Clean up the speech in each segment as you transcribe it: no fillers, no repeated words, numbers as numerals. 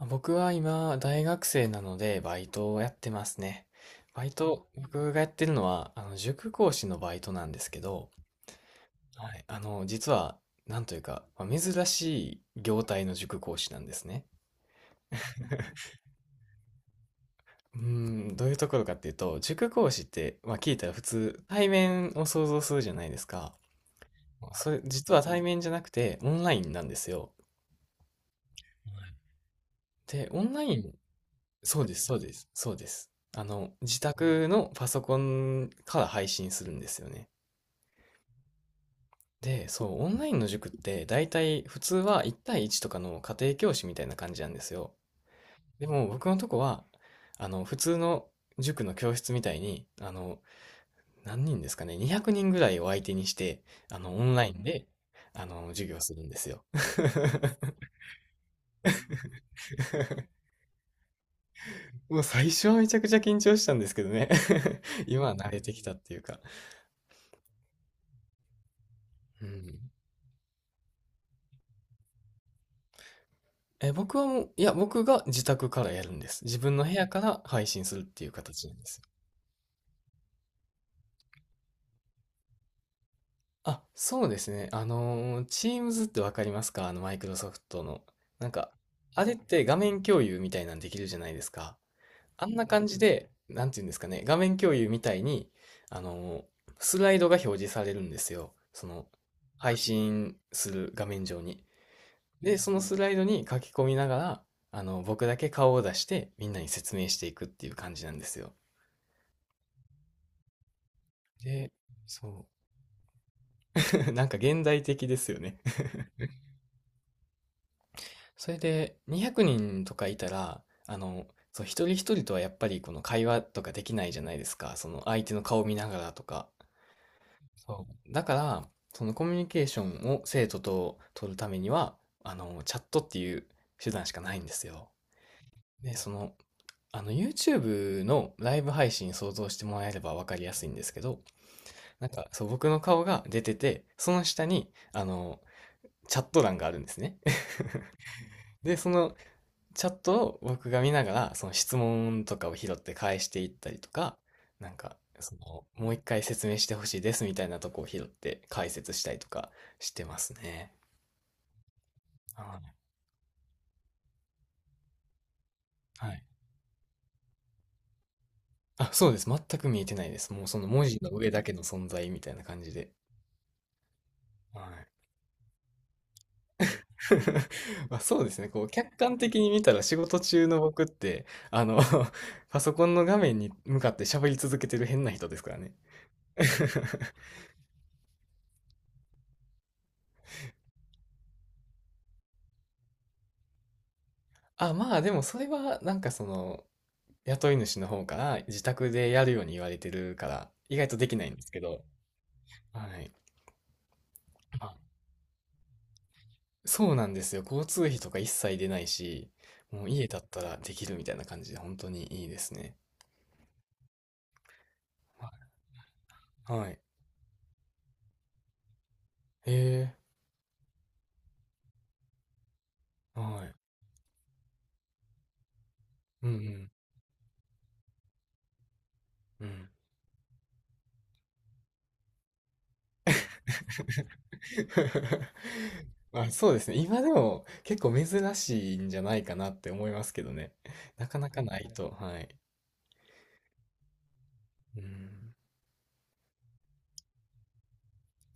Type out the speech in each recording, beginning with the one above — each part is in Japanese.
僕は今、大学生なので、バイトをやってますね。バイト、僕がやってるのは、塾講師のバイトなんですけど、はい、実は、なんというか、まあ珍しい業態の塾講師なんですね。どういうところかっていうと、塾講師って、まあ、聞いたら普通、対面を想像するじゃないですか。それ、実は対面じゃなくて、オンラインなんですよ。で、オンライン、そうです、そうです、そうです。自宅のパソコンから配信するんですよね。で、そう、オンラインの塾って大体普通は1対1とかの家庭教師みたいな感じなんですよ。でも僕のとこは、あの、普通の塾の教室みたいに、何人ですかね、200人ぐらいを相手にして、オンラインで、授業するんですよ。もう最初はめちゃくちゃ緊張したんですけどね。今は慣れてきたっていうか。うん。え、僕はもう、いや、僕が自宅からやるんです。自分の部屋から配信するっていう形なんです。あ、そうですね。Teams ってわかりますか？あの、マイクロソフトの。なんか、あれって画面共有みたいなんできるじゃないですか。あんな感じで、なんていうんですかね、画面共有みたいに、あのー、スライドが表示されるんですよ。その、配信する画面上に。で、そのスライドに書き込みながら、僕だけ顔を出して、みんなに説明していくっていう感じなんですよ。で、そう。なんか現代的ですよね。それで200人とかいたら、そう、一人一人とはやっぱりこの会話とかできないじゃないですか。その相手の顔を見ながらとか。そう。だから、そのコミュニケーションを生徒と取るためには、チャットっていう手段しかないんですよ。で、その、YouTube のライブ配信想像してもらえればわかりやすいんですけど、なんか、そう、僕の顔が出てて、その下に、チャット欄があるんですね。で、そのチャットを僕が見ながら、その質問とかを拾って返していったりとか、なんか、その、もう一回説明してほしいですみたいなとこを拾って解説したりとかしてますね。あーはい。はい。あ、そうです。全く見えてないです。もうその文字の上だけの存在みたいな感じで。はい。まあ、そうですね。こう、客観的に見たら仕事中の僕って、あの パソコンの画面に向かって喋り続けてる変な人ですからね。あ、まあでもそれはなんかその、雇い主の方から自宅でやるように言われてるから、意外とできないんですけど、はい。まあそうなんですよ。交通費とか一切出ないし、もう家だったらできるみたいな感じで、本当にいいですね。はい。ええ、はい。うんうん。うん。まあ、そうですね。今でも結構珍しいんじゃないかなって思いますけどね。なかなかないと。はい。うん。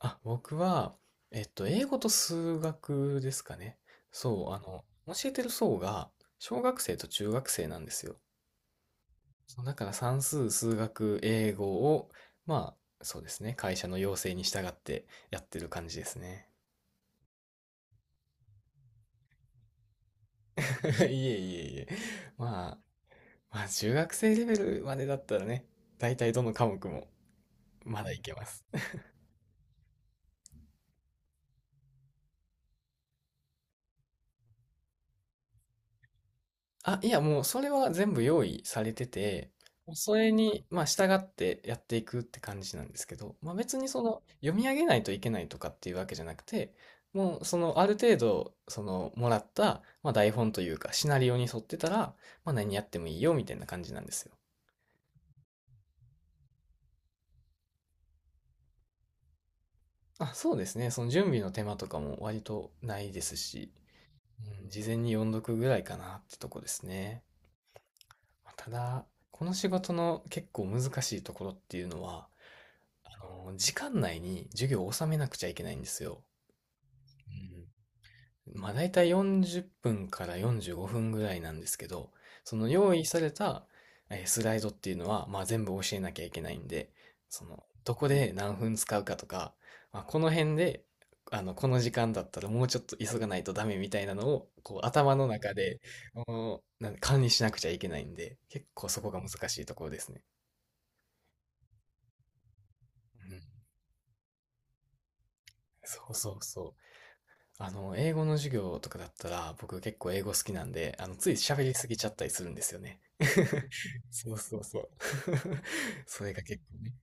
あ、僕は、英語と数学ですかね。そう、教えてる層が、小学生と中学生なんですよ。そう、だから算数、数学、英語を、まあ、そうですね、会社の要請に従ってやってる感じですね。いえいえいえ。まあ、まあ、中学生レベルまでだったらね、大体どの科目もまだいけます。あ、いや、もうそれは全部用意されてて、それに、まあ、従ってやっていくって感じなんですけど、まあ、別にその、読み上げないといけないとかっていうわけじゃなくて、もう、その、ある程度、その、もらった、まあ、台本というか、シナリオに沿ってたら、まあ、何やってもいいよ、みたいな感じなんですよ。あ、そうですね。その準備の手間とかも割とないですし、うん、事前に読んどくぐらいかなってとこですね。まあただ、この仕事の結構難しいところっていうのは、あの時間内に授業を収めなくちゃいけないんですよ。うん、まあ、大体40分から45分ぐらいなんですけど、その用意されたスライドっていうのは、まあ、全部教えなきゃいけないんで、その、どこで何分使うかとか、まあ、この辺で、この時間だったらもうちょっと急がないとダメみたいなのを、こう、頭の中で、おなん管理しなくちゃいけないんで、結構そこが難しいところですね。うん、そうそうそう。英語の授業とかだったら、僕結構英語好きなんで、つい喋りすぎちゃったりするんですよね。そうそうそう。それが結構ね。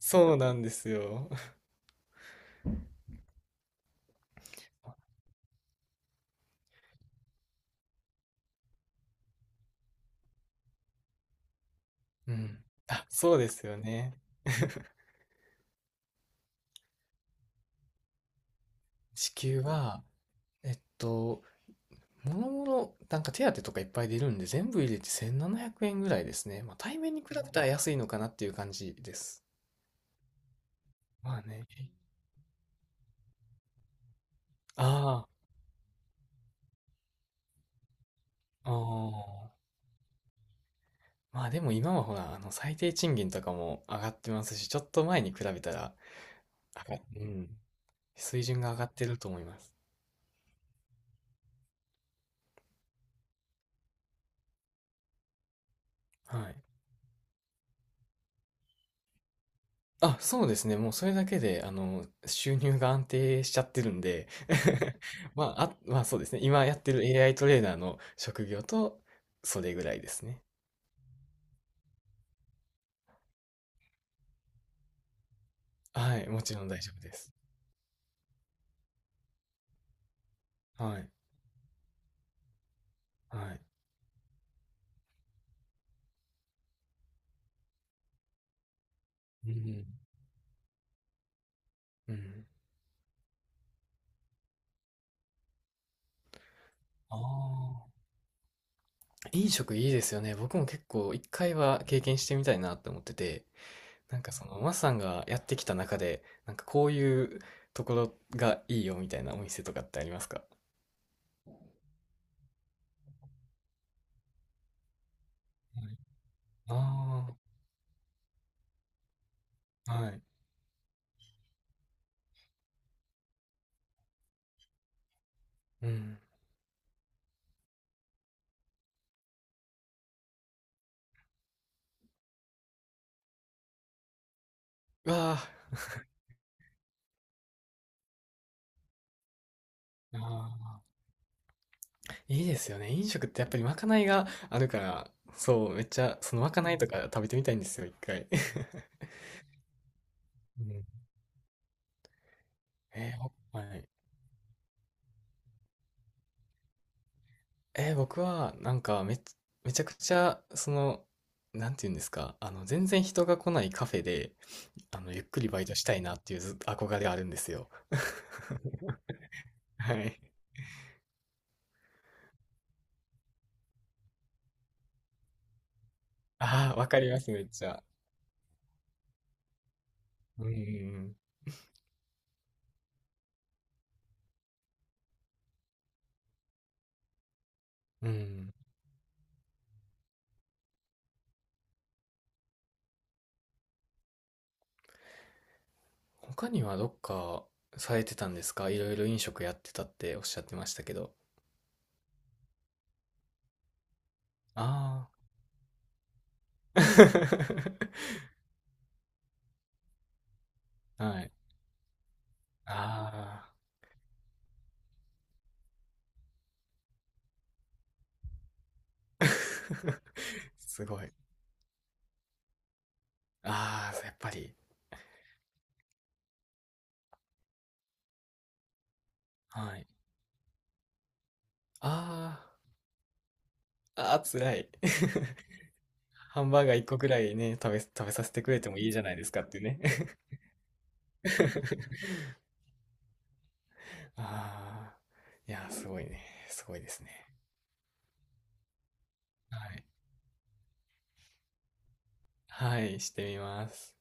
そうなんですよ。うん。あ、そうですよね。支給は、えっと、もろもろ、なんか手当とかいっぱい出るんで、全部入れて1700円ぐらいですね。まあ、対面に比べたら安いのかなっていう感じです。まあね。ああ、ああ。まあでも今はほら、あの最低賃金とかも上がってますし、ちょっと前に比べたら上がうん、水準が上がってると思います。はい。あ、そうですね。もうそれだけで、収入が安定しちゃってるんで。 まあ、あ、まあそうですね。今やってる AI トレーナーの職業と、それぐらいですね。はい。もちろん大丈夫です。はい。はい。うん。うん。ああ。飲食いいですよね。僕も結構一回は経験してみたいなって思ってて、なんかその、マスさんがやってきた中で、なんかこういうところがいいよみたいなお店とかってありますか？はい。ああ、はい。うん。うわあ、あーいいですよね。飲食ってやっぱりまかないがあるから、そう、めっちゃ、そのまかないとか食べてみたいんですよ、一回。うん。えーほはい。僕は、めちゃくちゃ、その、なんていうんですか、全然人が来ないカフェで、ゆっくりバイトしたいなっていうず憧れがあるんですよ。はい。ああ、わかります、めっちゃ。うんうんうん。他にはどっかされてたんですか？いろいろ飲食やってたっておっしゃってましたけど。ああ。はい。ああ。すごい。ああ、やっぱり。はい。ああ。ああ、辛い。ハンバーガー一個くらいね、食べさせてくれてもいいじゃないですかっていうね。ああ。いやー、すごいね。すごいですね。はい。はい、してみます。